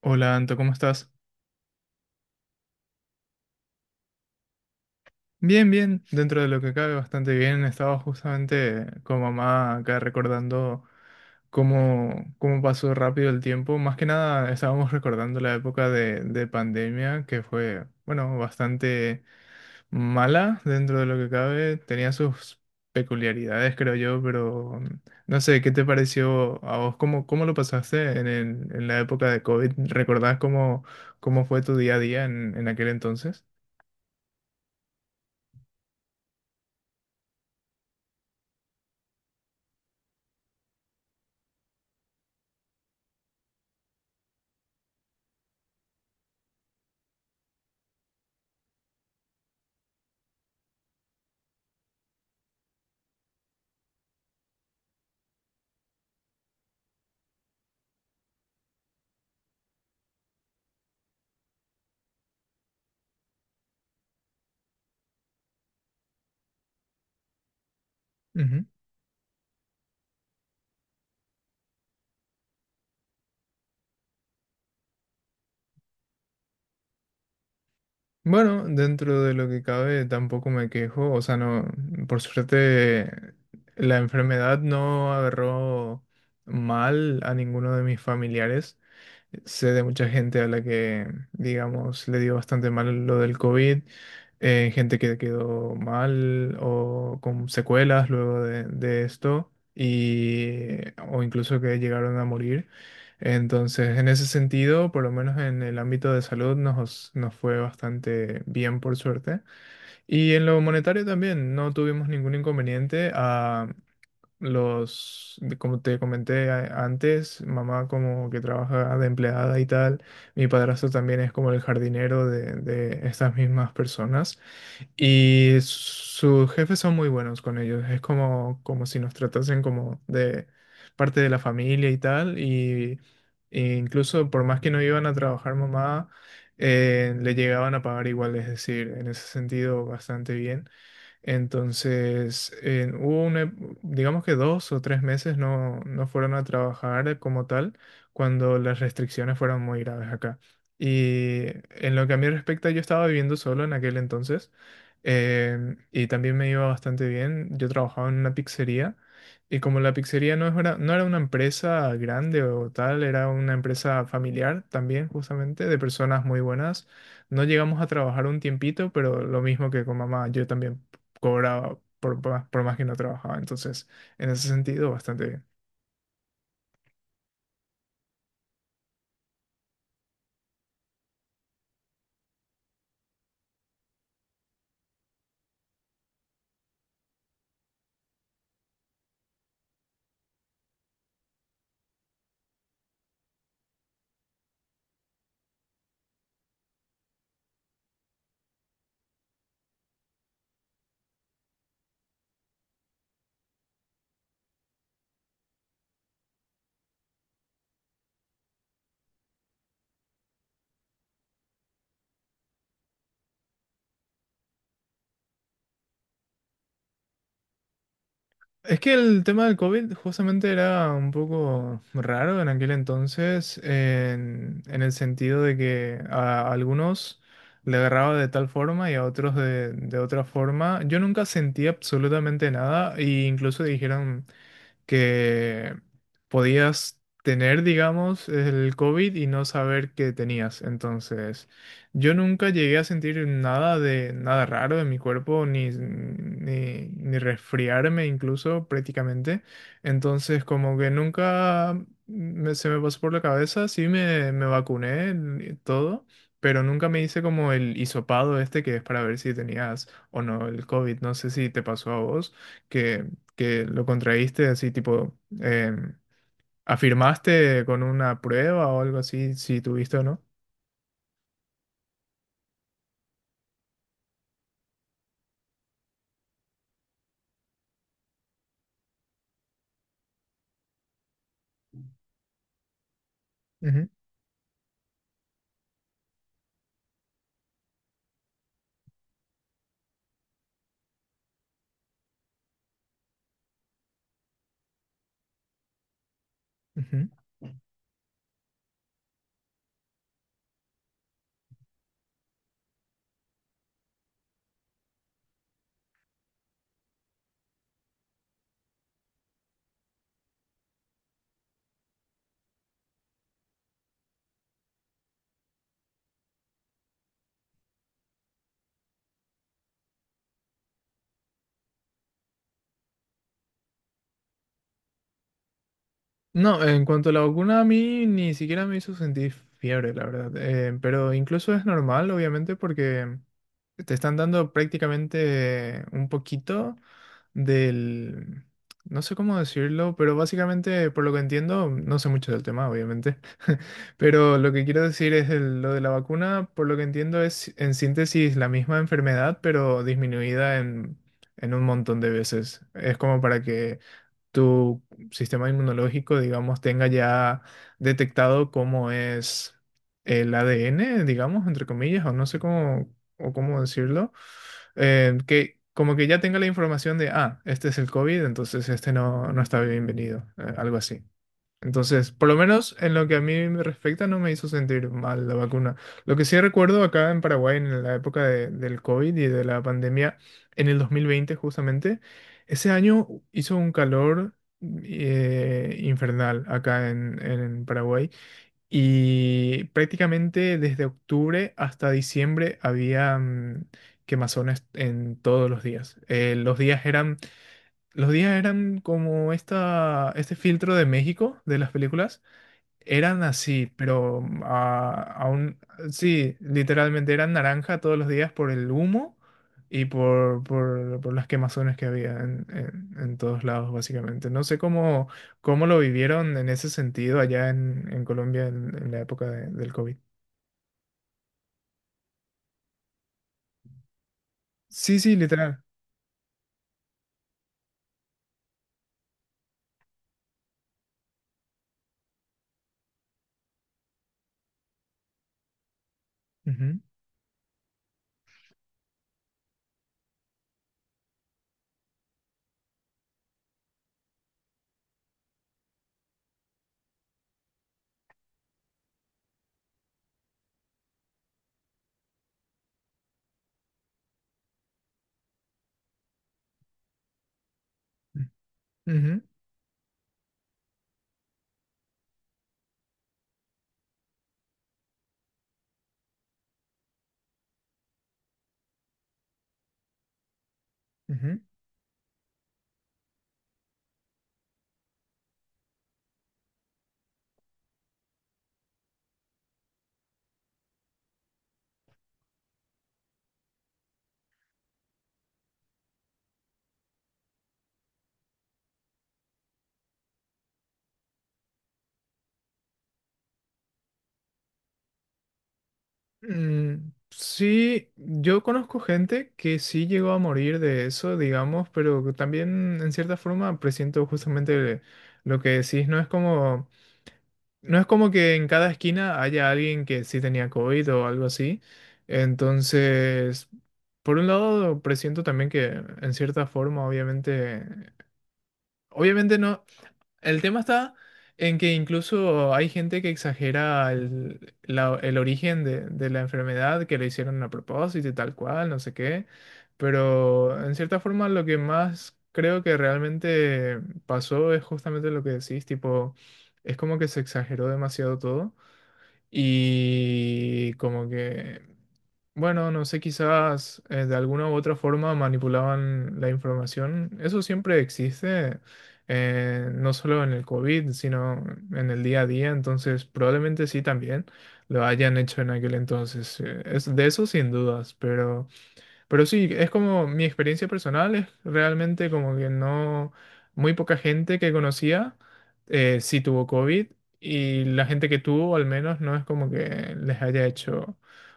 Hola Anto, ¿cómo estás? Bien, bien, dentro de lo que cabe bastante bien. Estaba justamente con mamá acá recordando cómo pasó rápido el tiempo. Más que nada estábamos recordando la época de pandemia que fue, bueno, bastante mala dentro de lo que cabe. Tenía sus peculiaridades, creo yo, pero no sé, ¿qué te pareció a vos? ¿Cómo lo pasaste en, en la época de COVID? ¿Recordás cómo fue tu día a día en aquel entonces? Bueno, dentro de lo que cabe tampoco me quejo, o sea, no, por suerte la enfermedad no agarró mal a ninguno de mis familiares. Sé de mucha gente a la que, digamos, le dio bastante mal lo del COVID, gente que quedó mal o con secuelas luego de esto, y, o incluso que llegaron a morir. Entonces, en ese sentido, por lo menos en el ámbito de salud, nos fue bastante bien, por suerte. Y en lo monetario también, no tuvimos ningún inconveniente. A como te comenté antes, mamá como que trabaja de empleada y tal. Mi padrastro también es como el jardinero de estas mismas personas. Y sus jefes son muy buenos con ellos. Es como, como si nos tratasen como de parte de la familia y tal. E incluso por más que no iban a trabajar mamá, le llegaban a pagar igual. Es decir, en ese sentido, bastante bien. Entonces, en hubo una digamos que dos o tres meses no fueron a trabajar como tal cuando las restricciones fueron muy graves acá. Y en lo que a mí respecta, yo estaba viviendo solo en aquel entonces, y también me iba bastante bien. Yo trabajaba en una pizzería y como la pizzería no, no era una empresa grande o tal, era una empresa familiar también justamente de personas muy buenas. No llegamos a trabajar un tiempito, pero lo mismo que con mamá, yo también cobraba por más que no trabajaba. Entonces, en ese sentido, bastante bien. Es que el tema del COVID justamente era un poco raro en aquel entonces, en el sentido de que a algunos le agarraba de tal forma y a otros de otra forma. Yo nunca sentí absolutamente nada e incluso dijeron que podías tener, digamos, el COVID y no saber que tenías. Entonces, yo nunca llegué a sentir nada de nada raro en mi cuerpo, ni resfriarme incluso prácticamente. Entonces, como que nunca se me pasó por la cabeza, sí me vacuné y todo. Pero nunca me hice como el hisopado este que es para ver si tenías o no el COVID. No sé si te pasó a vos que que lo contraíste, así tipo, afirmaste con una prueba o algo así, si tuviste o no. Ujú, ujú. No, en cuanto a la vacuna, a mí ni siquiera me hizo sentir fiebre, la verdad. Pero incluso es normal, obviamente, porque te están dando prácticamente un poquito del... No sé cómo decirlo, pero básicamente, por lo que entiendo, no sé mucho del tema, obviamente. Pero lo que quiero decir es lo de la vacuna, por lo que entiendo, es en síntesis la misma enfermedad, pero disminuida en un montón de veces. Es como para que tu sistema inmunológico, digamos, tenga ya detectado cómo es el ADN, digamos, entre comillas, o no sé cómo, o cómo decirlo, que como que ya tenga la información de, ah, este es el COVID, entonces este no, no está bienvenido, algo así. Entonces, por lo menos en lo que a mí me respecta, no me hizo sentir mal la vacuna. Lo que sí recuerdo acá en Paraguay, en la época del COVID y de la pandemia, en el 2020 justamente, ese año hizo un calor infernal acá en Paraguay y prácticamente desde octubre hasta diciembre había quemazones en todos los días. Los días eran como este filtro de México de las películas, eran así, pero ah, aún, sí, literalmente eran naranja todos los días por el humo y por las quemazones que había en, en todos lados, básicamente. No sé cómo, cómo lo vivieron en ese sentido allá en Colombia en la época del COVID. Sí, sí, literal. Ujú, ujú, ujú. Mm, sí, yo conozco gente que sí llegó a morir de eso, digamos, pero que también en cierta forma presiento justamente lo que decís. No es como, no es como que en cada esquina haya alguien que sí tenía COVID o algo así. Entonces, por un lado, presiento también que en cierta forma, obviamente, obviamente no. El tema está en que incluso hay gente que exagera el, el origen de la enfermedad, que lo hicieron a propósito y tal cual, no sé qué. Pero en cierta forma lo que más creo que realmente pasó es justamente lo que decís, tipo, es como que se exageró demasiado todo y como que... Bueno, no sé, quizás de alguna u otra forma manipulaban la información. Eso siempre existe, no solo en el COVID, sino en el día a día. Entonces, probablemente sí también lo hayan hecho en aquel entonces. Es de eso sin dudas, pero... Pero sí, es como mi experiencia personal, es realmente como que no, muy poca gente que conocía sí tuvo COVID y la gente que tuvo al menos no es como que les haya hecho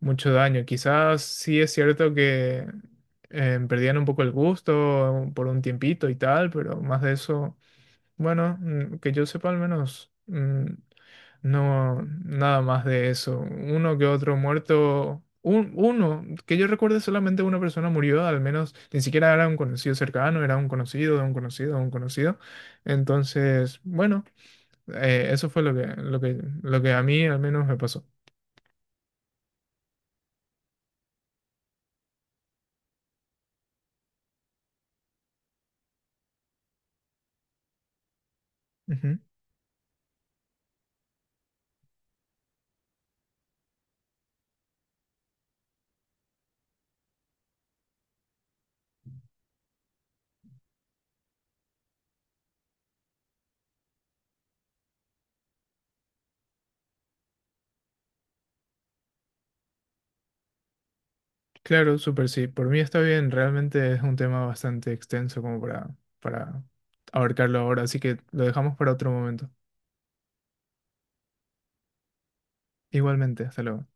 mucho daño. Quizás sí es cierto que perdían un poco el gusto por un tiempito y tal, pero más de eso, bueno, que yo sepa al menos no, nada más de eso. Uno que otro muerto. Uno, que yo recuerde solamente una persona murió, al menos ni siquiera era un conocido cercano, era un conocido de un conocido de un conocido. Entonces, bueno, eso fue lo que, lo que a mí al menos me pasó. Ujú. Claro, súper sí. Por mí está bien, realmente es un tema bastante extenso como para abarcarlo ahora, así que lo dejamos para otro momento. Igualmente, hasta luego.